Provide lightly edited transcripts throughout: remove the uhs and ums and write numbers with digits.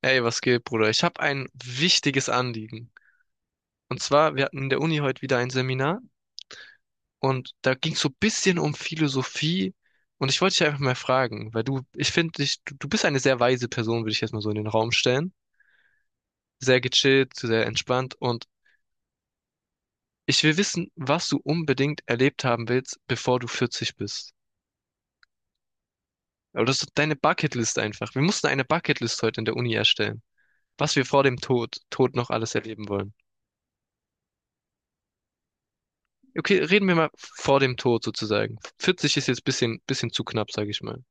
Ey, was geht, Bruder? Ich habe ein wichtiges Anliegen. Und zwar, wir hatten in der Uni heute wieder ein Seminar und da ging es so ein bisschen um Philosophie. Und ich wollte dich einfach mal fragen, weil du, ich finde dich, du bist eine sehr weise Person, würde ich jetzt mal so in den Raum stellen. Sehr gechillt, sehr entspannt. Und ich will wissen, was du unbedingt erlebt haben willst, bevor du 40 bist. Aber das ist deine Bucketlist einfach. Wir mussten eine Bucketlist heute in der Uni erstellen, was wir vor dem Tod noch alles erleben wollen. Okay, reden wir mal vor dem Tod sozusagen. 40 ist jetzt ein bisschen zu knapp, sage ich mal.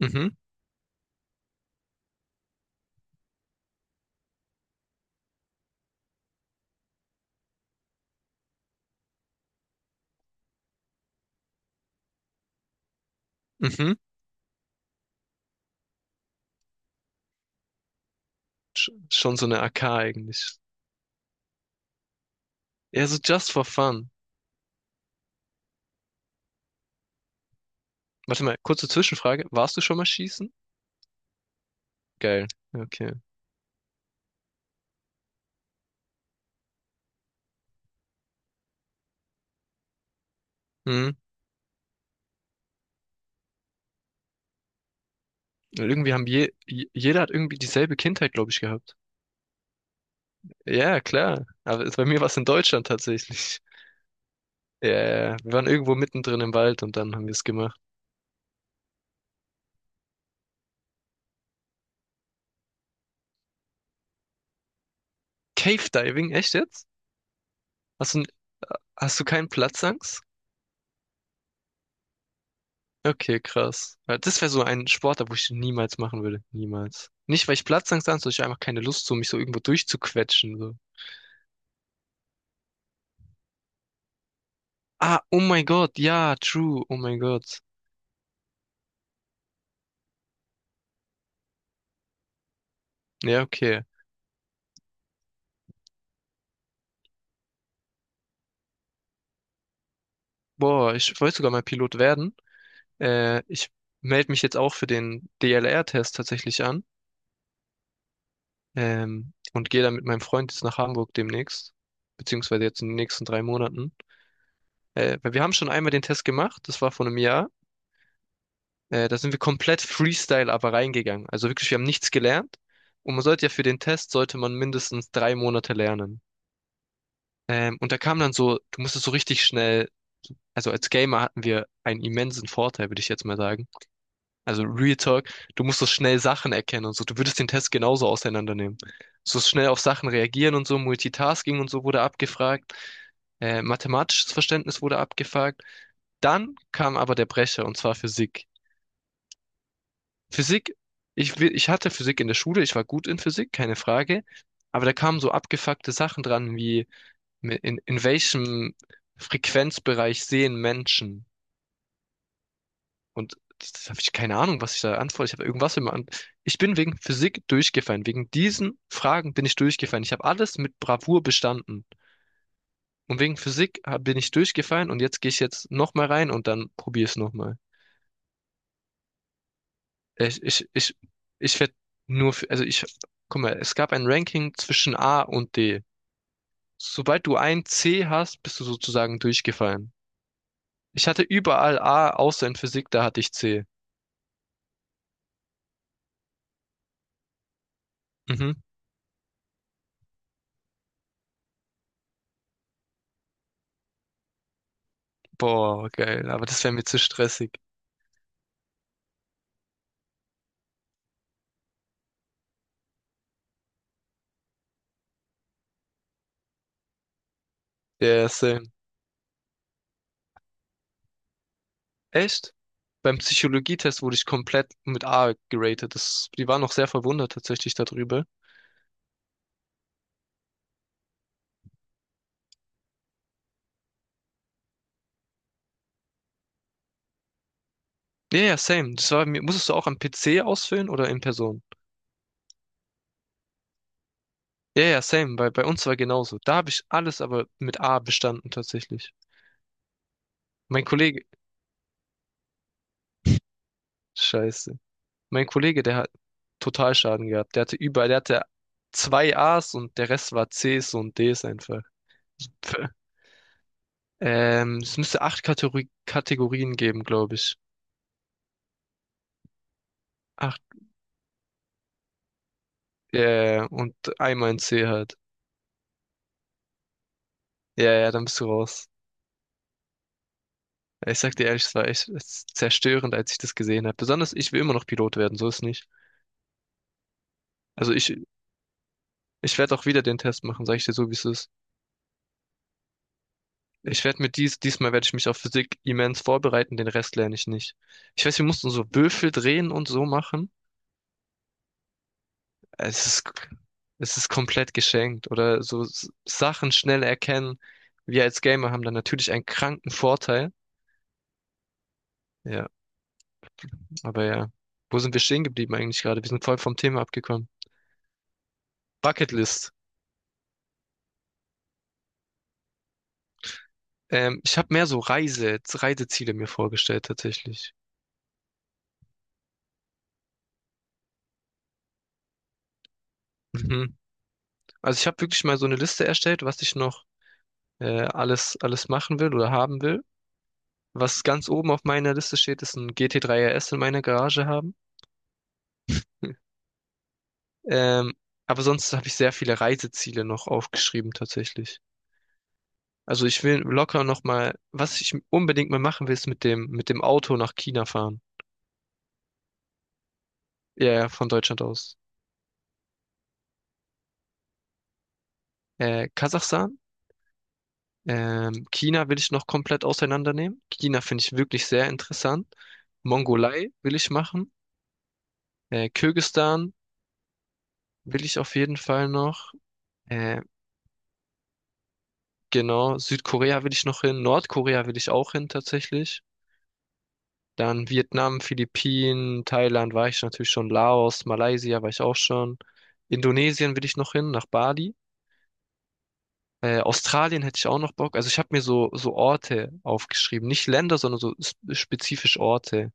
Mhm, mhm. Schon so eine AK eigentlich. Ja, so just for fun. Warte mal, kurze Zwischenfrage. Warst du schon mal schießen? Geil. Okay. Mhm. Irgendwie haben jeder hat irgendwie dieselbe Kindheit, glaube ich, gehabt. Ja, klar. Bei mir war es in Deutschland tatsächlich. Ja, ja, wir waren irgendwo mittendrin im Wald und dann haben wir es gemacht. Cave Diving, echt jetzt? Hast du, Hast du keinen Platzangst? Okay, krass. Weil das wäre so ein Sportart, wo ich niemals machen würde. Niemals. Nicht, weil ich Platzangst habe, sondern ich hab einfach keine Lust, so mich so irgendwo durchzuquetschen. So. Ah, oh mein Gott, ja, true, oh mein Gott. Ja, okay. Boah, ich wollte sogar mal Pilot werden. Ich melde mich jetzt auch für den DLR-Test tatsächlich an. Und gehe dann mit meinem Freund jetzt nach Hamburg demnächst. Beziehungsweise jetzt in den nächsten 3 Monaten. Weil wir haben schon einmal den Test gemacht, das war vor einem Jahr. Da sind wir komplett Freestyle aber reingegangen. Also wirklich, wir haben nichts gelernt. Und man sollte ja für den Test, sollte man mindestens 3 Monate lernen. Und da kam dann so, du musstest so richtig schnell, also als Gamer hatten wir einen immensen Vorteil, würde ich jetzt mal sagen. Also Real Talk, du musstest schnell Sachen erkennen und so. Du würdest den Test genauso auseinandernehmen. So schnell auf Sachen reagieren und so, Multitasking und so wurde abgefragt. Mathematisches Verständnis wurde abgefragt. Dann kam aber der Brecher, und zwar Physik. Physik, ich hatte Physik in der Schule, ich war gut in Physik, keine Frage, aber da kamen so abgefuckte Sachen dran, wie in welchem Frequenzbereich sehen Menschen? Und das habe ich keine Ahnung, was ich da antworte. Ich habe irgendwas immer an. Ich bin wegen Physik durchgefallen. Wegen diesen Fragen bin ich durchgefallen. Ich habe alles mit Bravour bestanden. Und wegen Physik bin ich durchgefallen und jetzt gehe ich jetzt nochmal rein und dann probiere es nochmal. Ich, ich, ich, ich werde nur für, guck mal, es gab ein Ranking zwischen A und D. Sobald du ein C hast, bist du sozusagen durchgefallen. Ich hatte überall A, außer in Physik, da hatte ich C. Mhm. Boah, geil, aber das wäre mir zu stressig. Der ist, echt? Beim Psychologietest wurde ich komplett mit A geratet. Das, die waren noch sehr verwundert tatsächlich darüber. Ja, ja, same. Das war, musstest du auch am PC ausfüllen oder in Person? Ja, ja, same, bei uns war genauso. Da habe ich alles aber mit A bestanden tatsächlich. Mein Kollege, scheiße. Mein Kollege, der hat total Schaden gehabt. Der hatte überall, der hatte zwei A's und der Rest war C's und D's einfach. Pf- es müsste acht Kategorien geben, glaube ich. Acht, und einmal ein C halt. Ja, ja, dann bist du raus. Ich sag dir ehrlich, es war echt es ist zerstörend, als ich das gesehen habe. Besonders ich will immer noch Pilot werden, so ist nicht. Also ich werde auch wieder den Test machen, sag ich dir so, wie es ist. Ich werde mit diesmal werde ich mich auf Physik immens vorbereiten, den Rest lerne ich nicht. Ich weiß, wir mussten so Würfel drehen und so machen. Es ist, es ist komplett geschenkt oder so Sachen schnell erkennen. Wir als Gamer haben da natürlich einen kranken Vorteil. Ja, aber ja. Wo sind wir stehen geblieben eigentlich gerade? Wir sind voll vom Thema abgekommen. Bucketlist. Ich habe mehr so Reiseziele mir vorgestellt tatsächlich. Mhm. Also ich habe wirklich mal so eine Liste erstellt, was ich noch alles machen will oder haben will. Was ganz oben auf meiner Liste steht, ist ein GT3 RS in meiner Garage haben. Ähm, aber sonst habe ich sehr viele Reiseziele noch aufgeschrieben tatsächlich. Also ich will locker noch mal, was ich unbedingt mal machen will, ist mit dem Auto nach China fahren. Ja, ja, von Deutschland aus. Kasachstan, China will ich noch komplett auseinandernehmen. China finde ich wirklich sehr interessant. Mongolei will ich machen. Kirgisistan will ich auf jeden Fall noch. Äh, Genau, Südkorea will ich noch hin, Nordkorea will ich auch hin tatsächlich. Dann Vietnam, Philippinen, Thailand war ich natürlich schon, Laos, Malaysia war ich auch schon. Indonesien will ich noch hin, nach Bali. Australien hätte ich auch noch Bock. Also ich habe mir so Orte aufgeschrieben. Nicht Länder, sondern spezifisch Orte.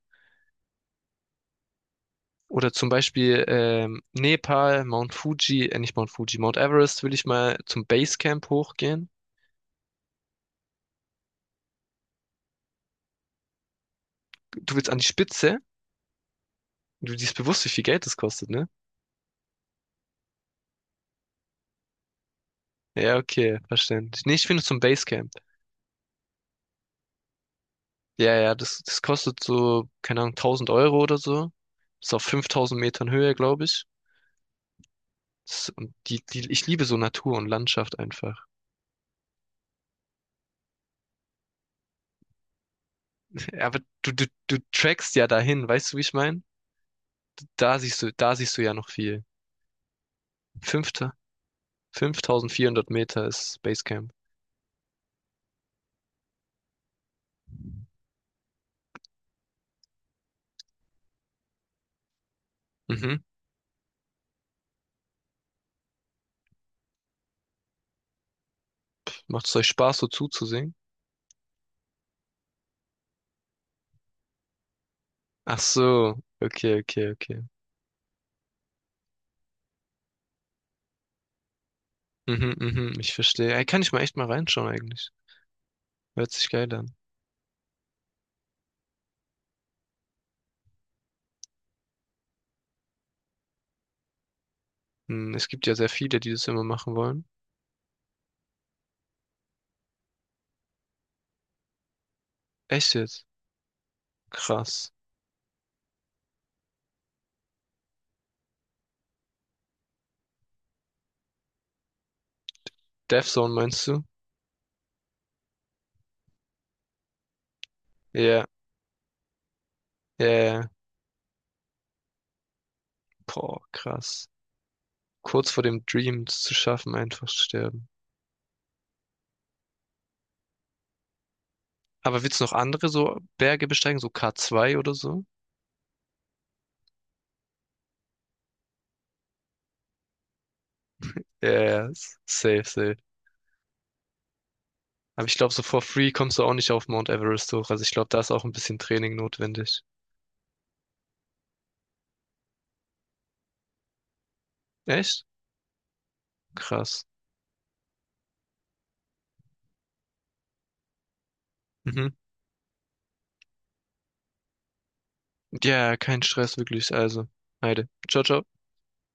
Oder zum Beispiel Nepal, Mount Fuji, nicht Mount Fuji, Mount Everest will ich mal zum Basecamp hochgehen. Du willst an die Spitze? Du siehst bewusst, wie viel Geld das kostet, ne? Ja, okay, verständlich. Nee, ich finde zum Basecamp. Ja, ja, das kostet so, keine Ahnung, 1.000 Euro oder so. Ist auf 5.000 Metern Höhe, glaube ich. Das, und ich liebe so Natur und Landschaft einfach. Ja, aber du trackst ja dahin, weißt du, wie ich meine? Da siehst du ja noch viel. Fünfter, 5.400 Meter ist Basecamp. Mhm. Macht es euch Spaß, so zuzusehen? Ach so, okay, okay, okay. Mhm, mhm, ich verstehe. Ey, kann ich mal echt mal reinschauen eigentlich. Hört sich geil an. Hm, es gibt ja sehr viele, die das immer machen wollen. Echt jetzt? Krass. Death Zone meinst du? Ja, ja, ja. Boah, krass. Kurz vor dem Dream das zu schaffen, einfach sterben. Aber willst du noch andere so Berge besteigen, so K2 oder so? Ja, yeah, safe. Aber ich glaube, so for free kommst du auch nicht auf Mount Everest hoch. Also ich glaube, da ist auch ein bisschen Training notwendig. Echt? Krass. Mhm. Ja, kein Stress wirklich. Also, Heide. Ciao, ciao.